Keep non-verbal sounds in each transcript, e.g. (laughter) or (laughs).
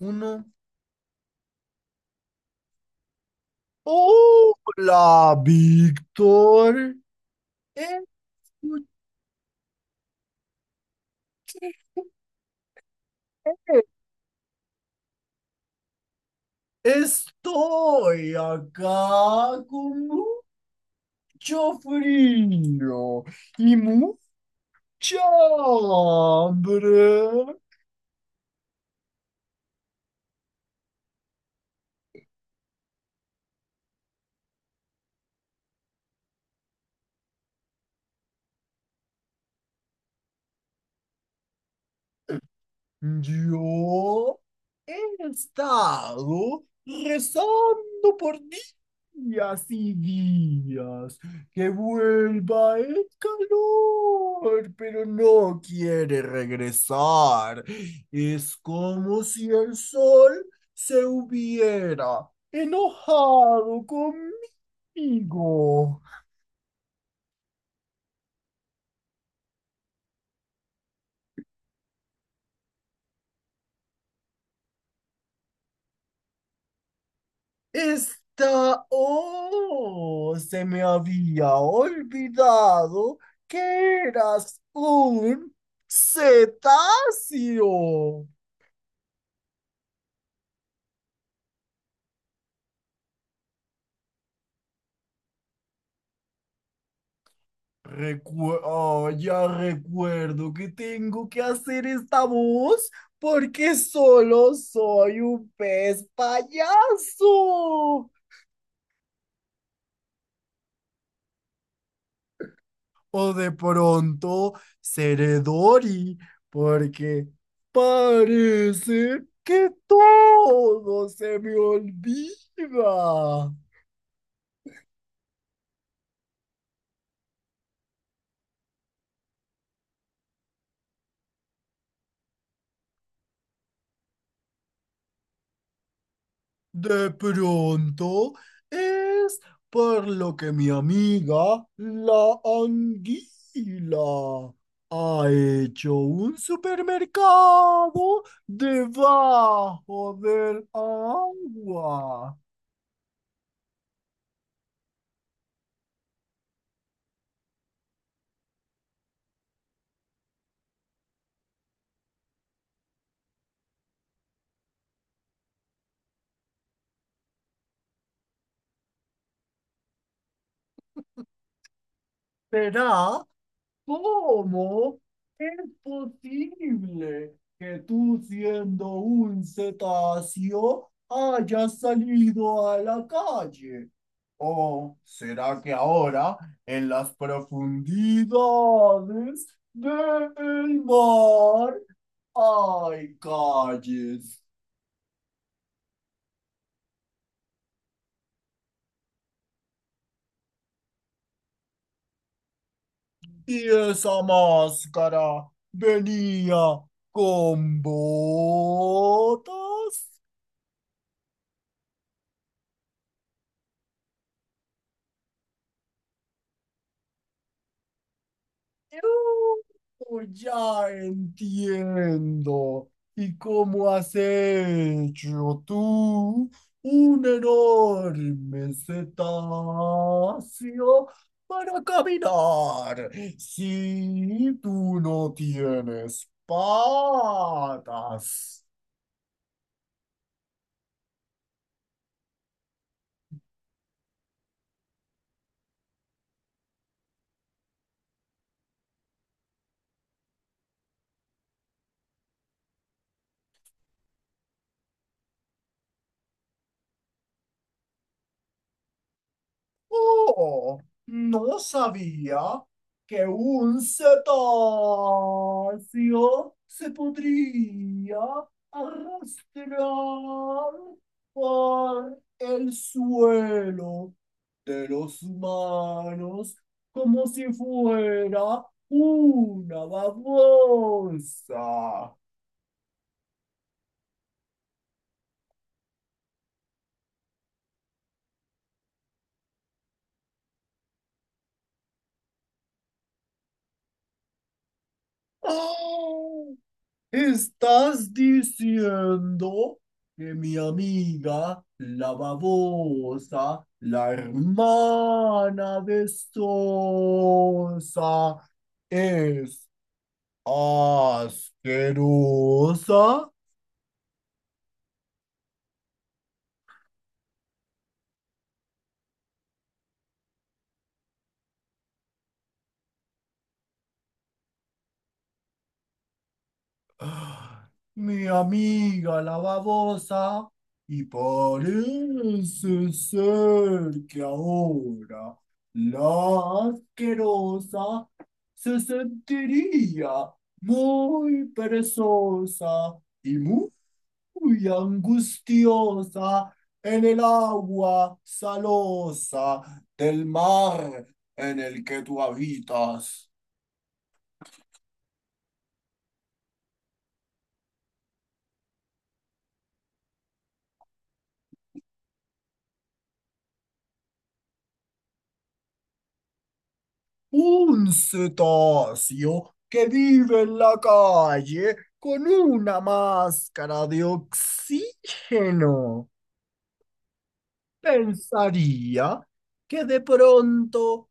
Uno. Hola, Víctor. Escuche, estoy acá con mucho frío y mucha hambre. Yo he estado rezando por días y días que vuelva el calor, pero no quiere regresar. Es como si el sol se hubiera enojado conmigo. Está, oh, se me había olvidado que eras un cetáceo. Ya recuerdo que tengo que hacer esta voz porque solo soy un pez payaso. O de pronto seré Dory, porque parece que todo se me olvida. De pronto es por lo que mi amiga, la anguila, ha hecho un supermercado debajo del agua. ¿Será? ¿Cómo es posible que tú, siendo un cetáceo, hayas salido a la calle? ¿O será que ahora, en las profundidades del mar, hay calles? Y esa máscara venía con botas. Ya entiendo. ¿Y cómo has hecho tú un enorme cetáceo para caminar si tú no tienes patas? Oh, no sabía que un cetáceo se podría arrastrar por el suelo de los humanos como si fuera una babosa. ¡Ah! ¿Estás diciendo que mi amiga, la babosa, la hermana de Sosa, es asquerosa? ¡Ah! Mi amiga la babosa, y parece ser que ahora la asquerosa se sentiría muy perezosa y muy angustiosa en el agua salosa del mar en el que tú habitas. Un cetáceo que vive en la calle con una máscara de oxígeno. Pensaría que de pronto,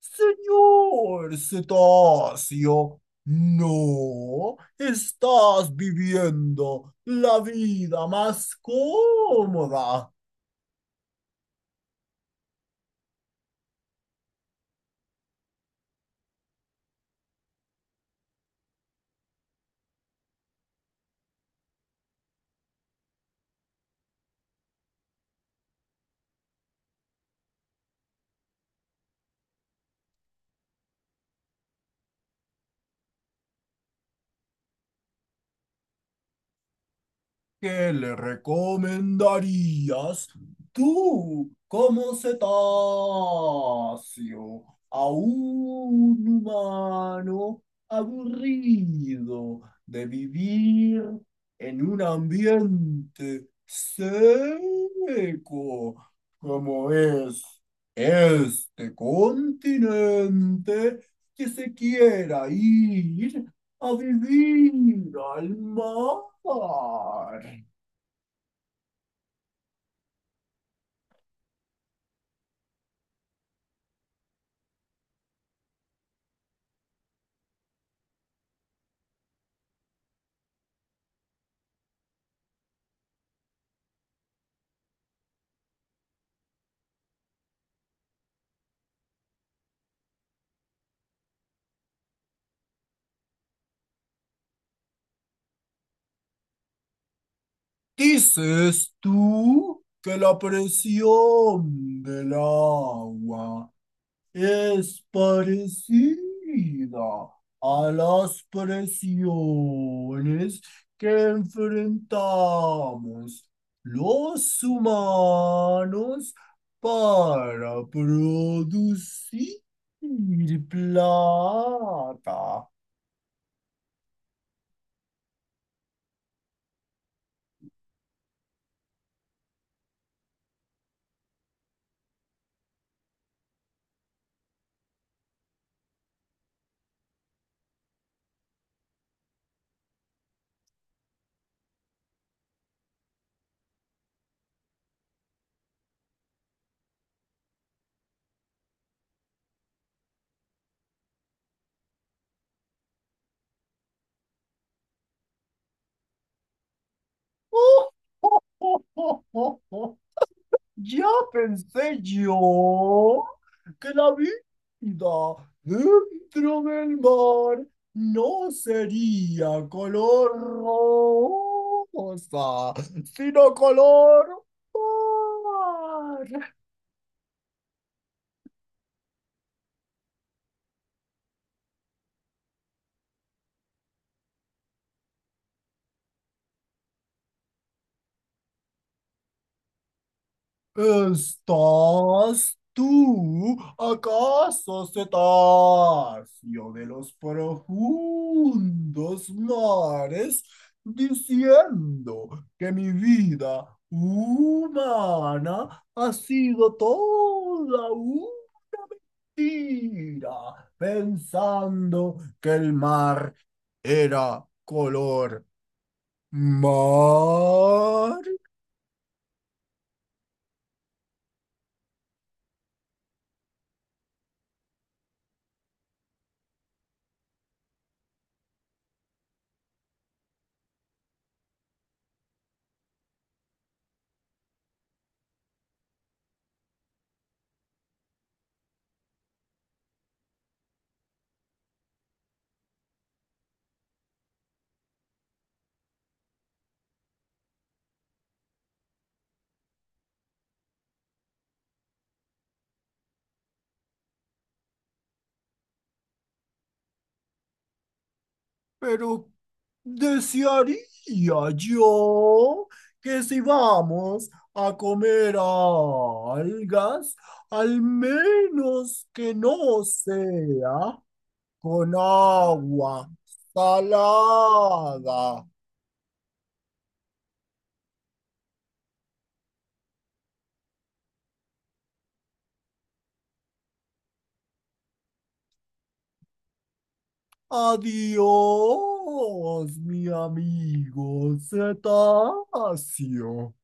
señor cetáceo, no estás viviendo la vida más cómoda. ¿Qué le recomendarías tú como cetáceo a un humano aburrido de vivir en un ambiente seco como es este continente que se quiera ir a vivir al mar? ¿Dices tú que la presión del agua es parecida a las presiones que enfrentamos los humanos para producir plata? (laughs) Ya pensé yo que la vida dentro del mar no sería color rosa, sino color mar. ¿Estás tú acaso cetáceo de los profundos mares diciendo que mi vida humana ha sido toda una mentira, pensando que el mar era color mar? Pero desearía yo que si vamos a comer algas, al menos que no sea con agua salada. Adiós, mi amigo cetáceo.